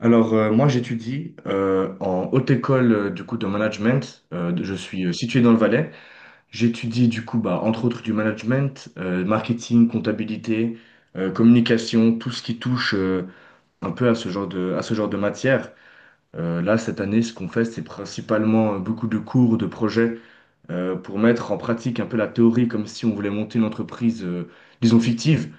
Alors, moi, j'étudie en haute école du coup de management. Je suis situé dans le Valais. J'étudie du coup, bah, entre autres, du management, marketing, comptabilité, communication, tout ce qui touche un peu à ce genre de matière. Là, cette année, ce qu'on fait, c'est principalement beaucoup de cours, de projets pour mettre en pratique un peu la théorie, comme si on voulait monter une entreprise, disons, fictive.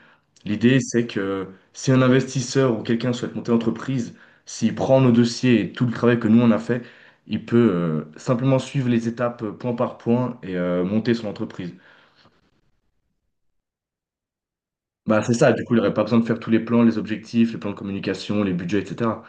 L'idée, c'est que si un investisseur ou quelqu'un souhaite monter l'entreprise, s'il prend nos dossiers et tout le travail que nous on a fait, il peut simplement suivre les étapes point par point et monter son entreprise. Bah, c'est ça, du coup, il n'aurait pas besoin de faire tous les plans, les objectifs, les plans de communication, les budgets, etc.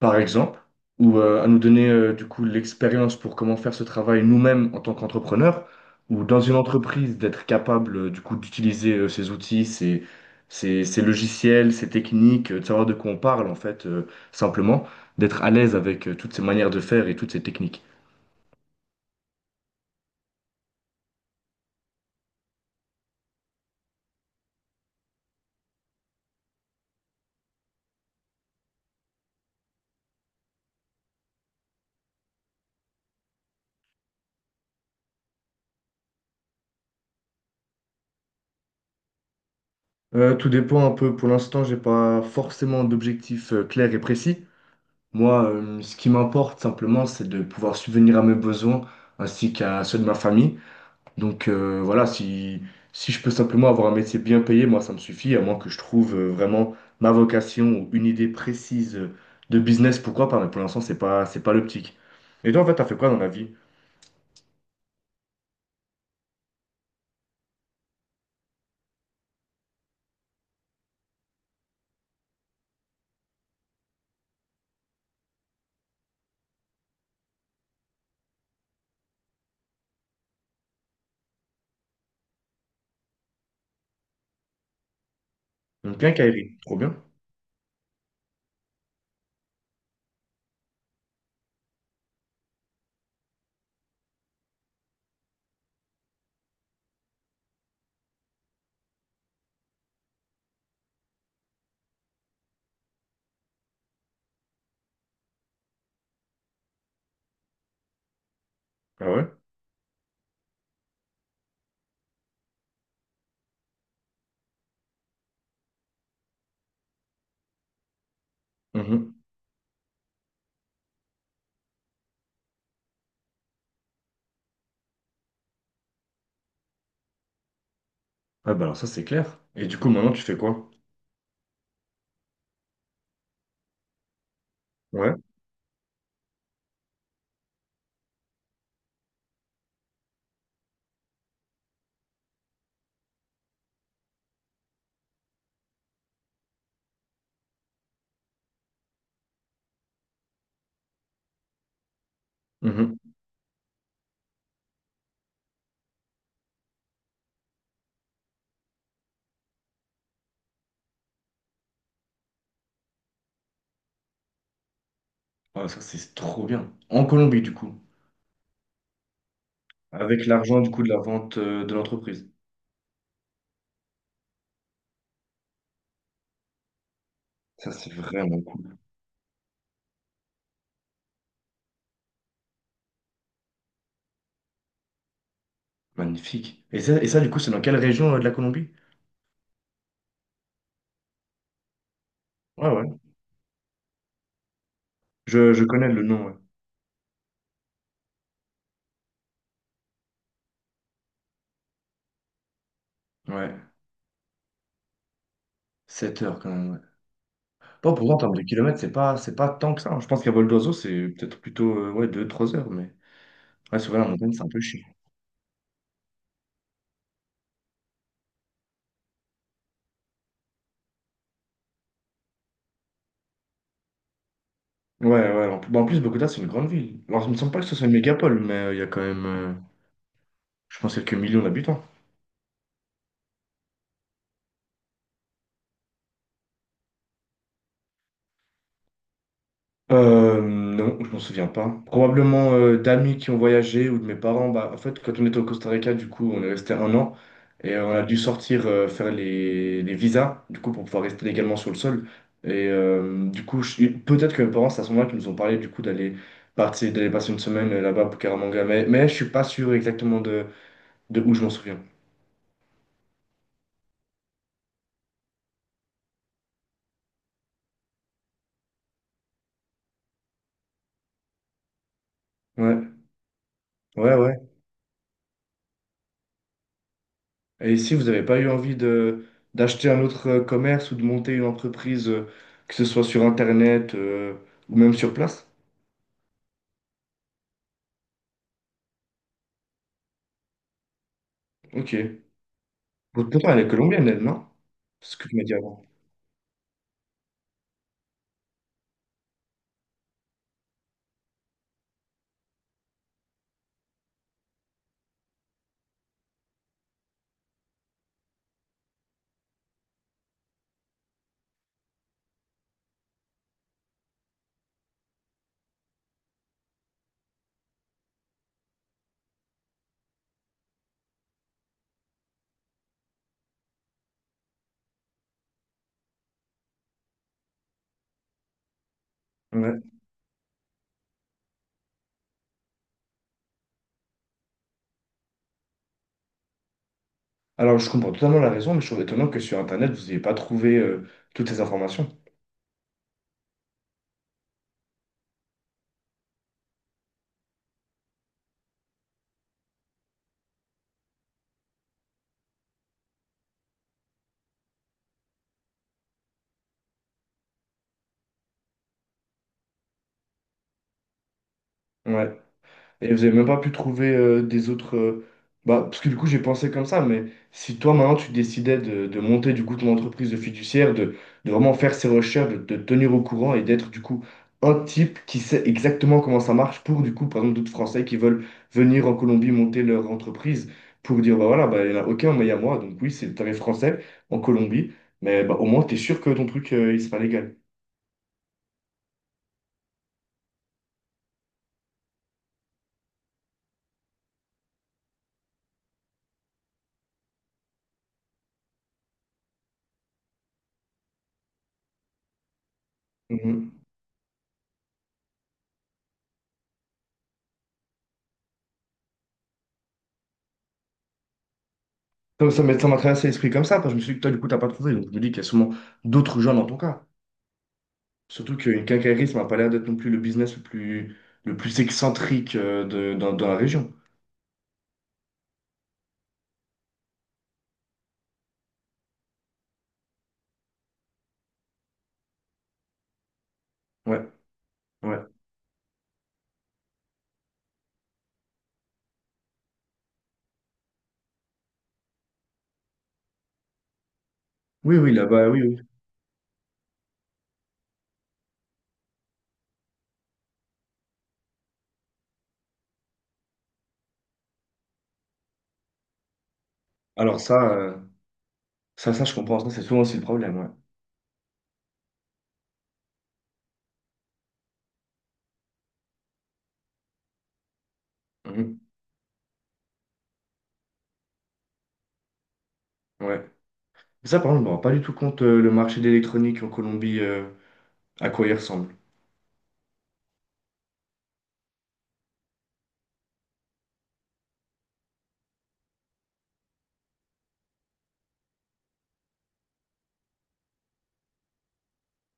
Par exemple, ou à nous donner du coup l'expérience pour comment faire ce travail nous-mêmes en tant qu'entrepreneurs, ou dans une entreprise d'être capable du coup d'utiliser ces outils, ces logiciels, ces techniques, de savoir de quoi on parle en fait, simplement, d'être à l'aise avec toutes ces manières de faire et toutes ces techniques. Tout dépend un peu. Pour l'instant, j'ai pas forcément d'objectif clair et précis. Moi, ce qui m'importe simplement, c'est de pouvoir subvenir à mes besoins ainsi qu'à ceux de ma famille. Donc voilà, si, si je peux simplement avoir un métier bien payé, moi ça me suffit, à moins que je trouve vraiment ma vocation ou une idée précise de business, pourquoi pas, mais pour l'instant c'est pas l'optique. Et toi en fait, t'as fait quoi dans la vie? Donc quincaillerie, trop bien. Ah ouais? Mhm. Ah bah alors ça c'est clair. Et du coup maintenant tu fais quoi? Ouais. Mhm. Ah ça c'est trop bien. En Colombie du coup, avec l'argent du coup de la vente de l'entreprise. Ça c'est vraiment cool. Magnifique. Et ça du coup c'est dans quelle région de la Colombie? Ouais, ouais, je connais le nom. Ouais. Ouais, 7 heures quand même. Ouais. Bon, pourtant, en termes de kilomètres, c'est pas tant que ça, hein. Je pense qu'à vol d'oiseau, c'est peut-être plutôt ouais, deux trois heures. Mais ouais, souvent, la montagne, c'est un peu chiant. Ouais, ouais. Bon, en plus, Bogota, c'est une grande ville. Alors, il me semble pas que ce soit une mégapole, mais il y a quand même, je pense, quelques millions d'habitants. Non, je m'en souviens pas. Probablement d'amis qui ont voyagé ou de mes parents. Bah, en fait, quand on était au Costa Rica, du coup, on est resté un an et on a dû sortir faire les visas, du coup, pour pouvoir rester légalement sur le sol. Et du coup, peut-être que mes parents, c'est à ce moment-là qu'ils nous ont parlé, du coup, d'aller partir, d'aller passer une semaine là-bas pour Caramanga. Mais je suis pas sûr exactement de où je m'en souviens. Ouais, ouais, ouais. Et si vous n'avez pas eu envie de d'acheter un autre commerce ou de monter une entreprise, que ce soit sur Internet ou même sur place? Ok. Votre maman, elle est colombienne, elle, non? C'est ce que tu m'as dit avant. Ouais. Alors, je comprends totalement la raison, mais je trouve étonnant que sur Internet, vous n'ayez pas trouvé toutes ces informations. Ouais. Et vous avez même pas pu trouver des autres. Bah, parce que du coup, j'ai pensé comme ça, mais si toi, maintenant, tu décidais de monter du coup ton entreprise de fiduciaire, de vraiment faire ses recherches, de te tenir au courant et d'être du coup un type qui sait exactement comment ça marche pour du coup, par exemple, d'autres Français qui veulent venir en Colombie monter leur entreprise pour dire, bah voilà, bah, il n'y en a aucun, mais il y a moi. Donc oui, c'est le tarif français en Colombie, mais bah, au moins, tu es sûr que ton truc, il sera légal. Mmh. Donc, ça m'a traversé l'esprit comme ça, parce que je me suis dit que toi, du coup, t'as pas trouvé. Donc, je me dis qu'il y a sûrement d'autres gens dans ton cas. Surtout qu'une quincaillerie, ça m'a pas l'air d'être non plus le business le plus excentrique dans la région. Ouais, ouais. Oui, oui, là-bas, oui, oui. Alors, ça, je comprends. Ça, c'est souvent aussi le problème, ouais. Mhm. Ouais. Mais ça, par contre, je me rends pas du tout compte le marché d'électronique en Colombie, à quoi il ressemble.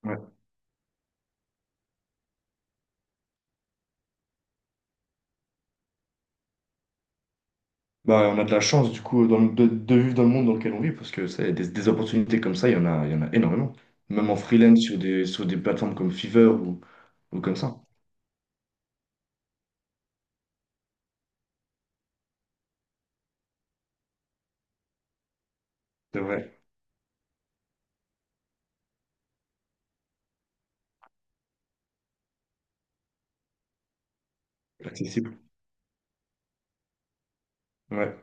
Ouais. Bah, on a de la chance du coup de vivre dans le monde dans lequel on vit parce que ça des opportunités comme ça, il y en a, il y en a énormément. Même en freelance sur des plateformes comme Fiverr ou comme ça. C'est vrai, accessible. Ouais.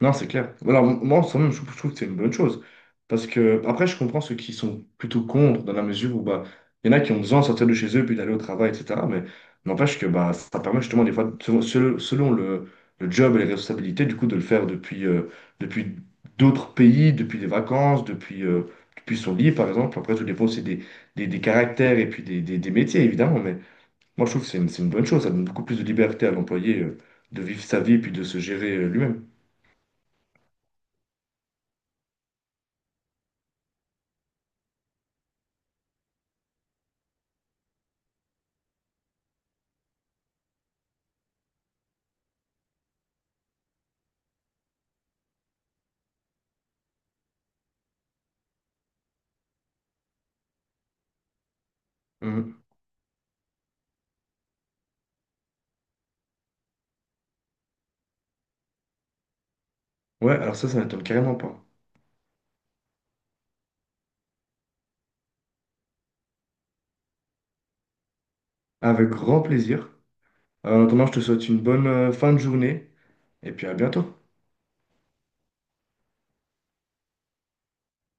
Non, c'est clair. Alors moi, en soi même, je trouve que c'est une bonne chose. Parce que, après, je comprends ceux qui sont plutôt contre, dans la mesure où, bah, il y en a qui ont besoin de sortir de chez eux, puis d'aller au travail, etc. Mais n'empêche que, bah, ça permet justement, des fois, selon le job et les responsabilités, du coup, de le faire depuis, depuis d'autres pays, depuis des vacances, depuis, depuis son lit, par exemple. Après, tout dépend aussi des caractères et puis des métiers, évidemment. Mais moi, je trouve que c'est une bonne chose. Ça donne beaucoup plus de liberté à l'employé, de vivre sa vie, puis de se gérer, lui-même. Ouais, alors ça m'étonne carrément pas. Avec grand plaisir. En attendant, je te souhaite une bonne fin de journée et puis à bientôt.